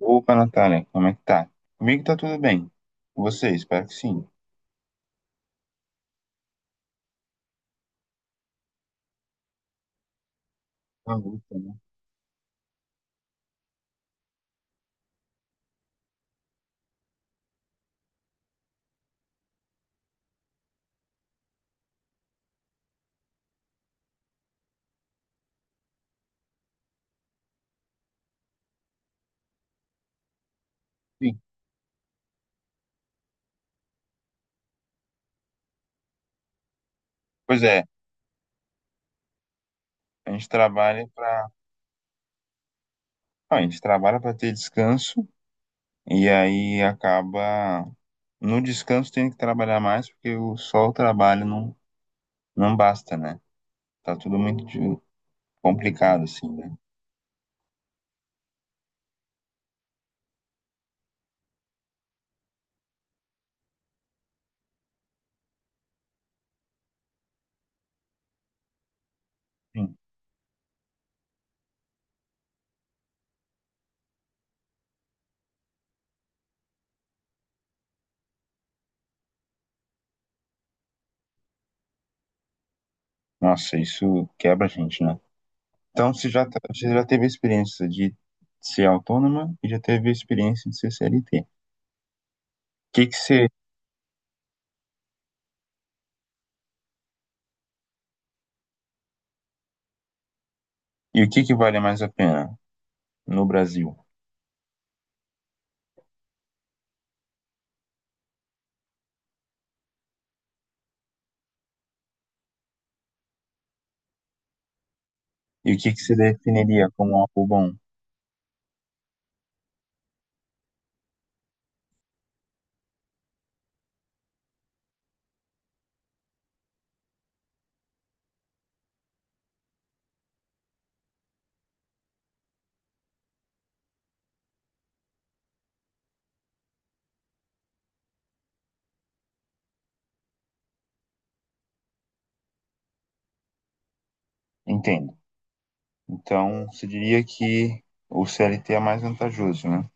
Opa, Natália, como é que tá? Comigo tá tudo bem. Com você, espero que sim. Uma luta, né? Sim. Pois é, a gente trabalha para, a gente trabalha para ter descanso e aí acaba no descanso tem que trabalhar mais porque o só o trabalho não não basta, né? Tá tudo muito complicado assim, né? Sim. Nossa, isso quebra a gente, né? Então, você você já teve a experiência de ser autônoma e já teve a experiência de ser CLT. O que que você e o que que vale mais a pena? No Brasil. E o que que se definiria como algo bom? Entendo. Então, se diria que o CLT é mais vantajoso, né?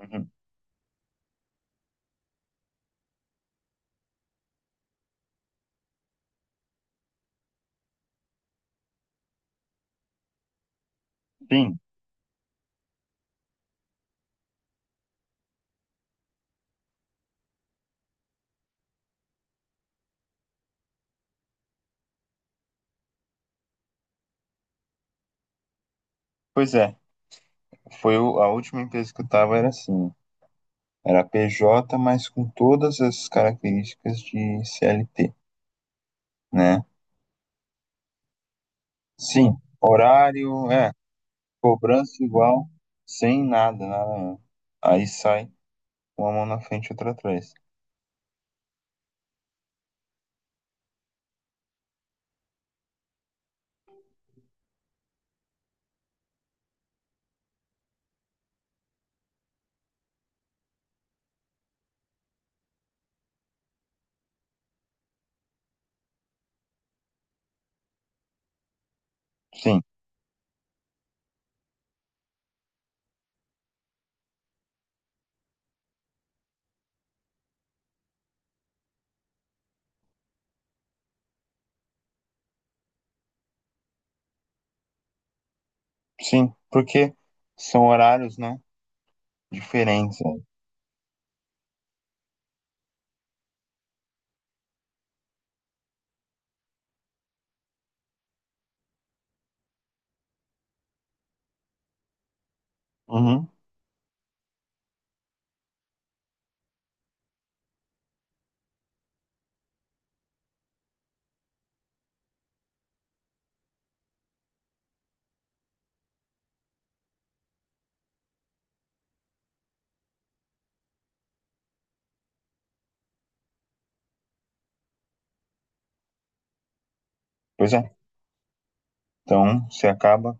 Uhum. Sim, pois é. A última empresa que eu estava era assim, era PJ, mas com todas as características de CLT, né? Sim, horário, é, cobrança igual, sem nada, nada mesmo. Aí sai uma mão na frente e outra atrás. Sim, sim, porque são horários, né, diferentes, né? Uhum. Pois é. Então, você acaba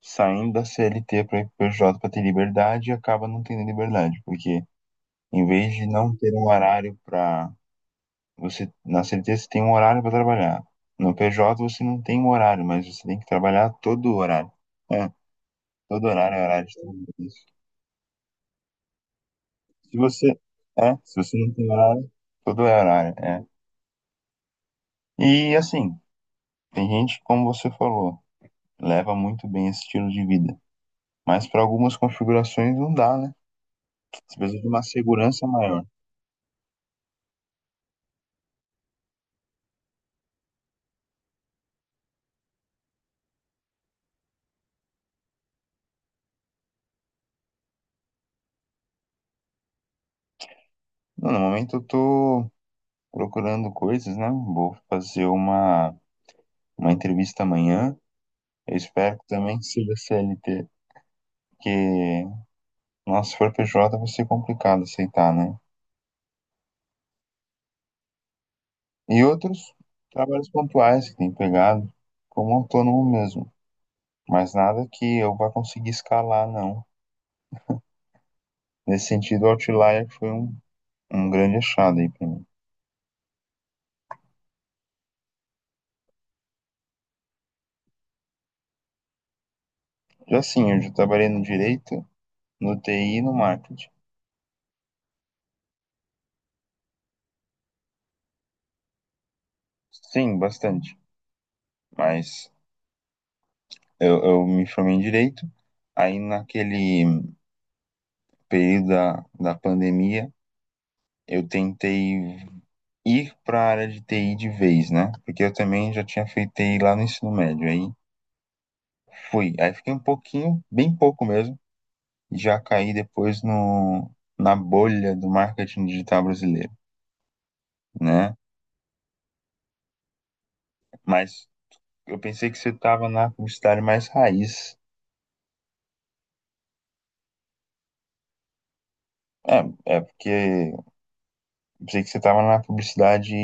saindo da CLT para ir PJ para ter liberdade e acaba não tendo liberdade, porque em vez de não ter um horário para você na CLT você tem um horário para trabalhar. No PJ você não tem um horário, mas você tem que trabalhar todo o horário. É, todo horário é horário de trabalho. Se você é, se você não tem horário, todo é horário, é. E assim, tem gente, como você falou, leva muito bem esse estilo de vida, mas para algumas configurações não dá, né? Você precisa de uma segurança maior. Não, no momento eu tô procurando coisas, né? Vou fazer uma entrevista amanhã. Eu espero que também seja CLT, porque, nossa, se for PJ vai ser complicado aceitar, né? E outros trabalhos pontuais que tem pegado, como autônomo mesmo. Mas nada que eu vá conseguir escalar, não. Nesse sentido, o Outlier foi um grande achado aí pra mim. Já sim, eu já trabalhei no direito, no TI e no marketing. Sim, bastante. Mas eu me formei em direito. Aí naquele período da pandemia, eu tentei ir para a área de TI de vez, né? Porque eu também já tinha feito TI lá no ensino médio. Aí fui, aí fiquei um pouquinho, bem pouco mesmo, e já caí depois no, na bolha do marketing digital brasileiro, né? Mas eu pensei que você estava na publicidade mais raiz. É, é porque eu pensei que você estava na publicidade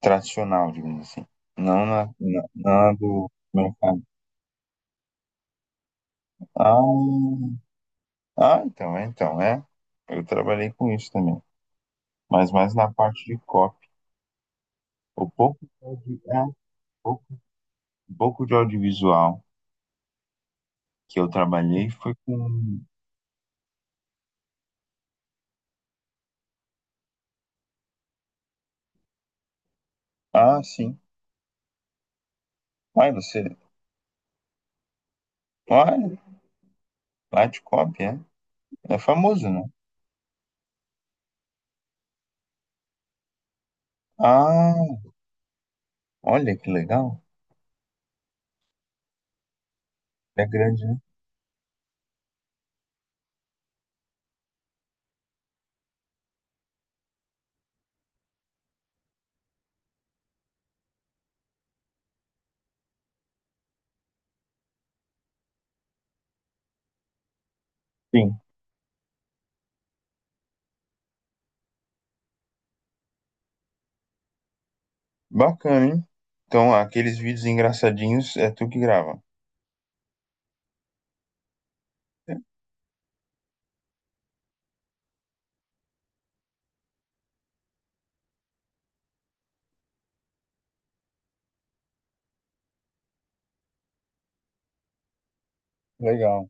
tradicional, digamos assim. Não na do mercado. Ah, ah, então, é, então, é. Eu trabalhei com isso também. Mas mais na parte de copy. O pouco, pouco, pouco de audiovisual que eu trabalhei foi com. Ah, sim. Ai, você. Olha, lá de copy, é. É famoso, né? Ah, olha que legal. É grande, né? Sim. Bacana, hein? Então, aqueles vídeos engraçadinhos é tu que grava. É. Legal.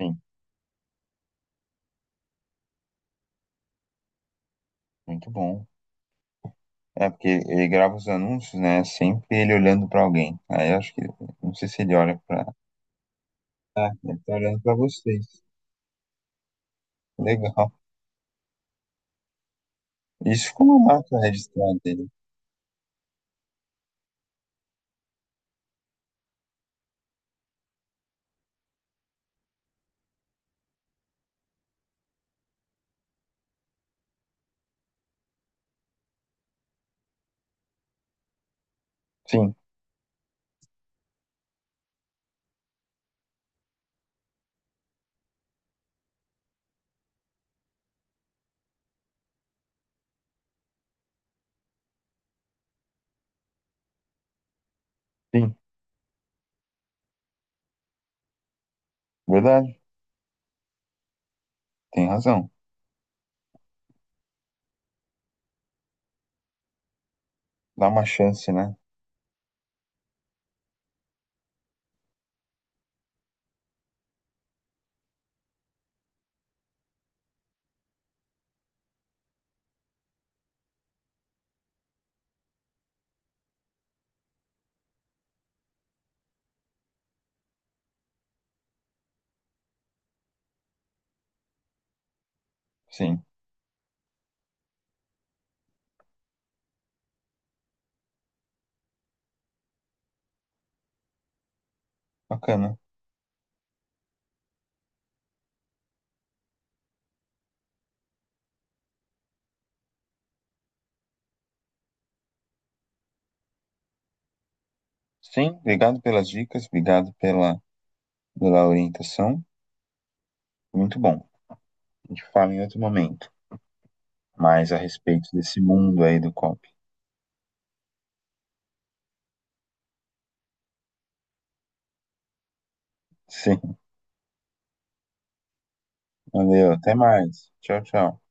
Sim. Muito bom. É, porque ele grava os anúncios, né? Sempre ele olhando pra alguém. Aí eu acho que. Não sei se ele olha pra. Ah, ele tá olhando pra vocês. Legal. Isso ficou uma marca registrada dele. Sim, sim. Verdade. Tem razão. Dá uma chance, né? Sim. Bacana. Sim, obrigado pelas dicas, obrigado pela, pela orientação. Muito bom. A gente fala em outro momento. Mais a respeito desse mundo aí do COP. Sim. Valeu. Até mais. Tchau, tchau.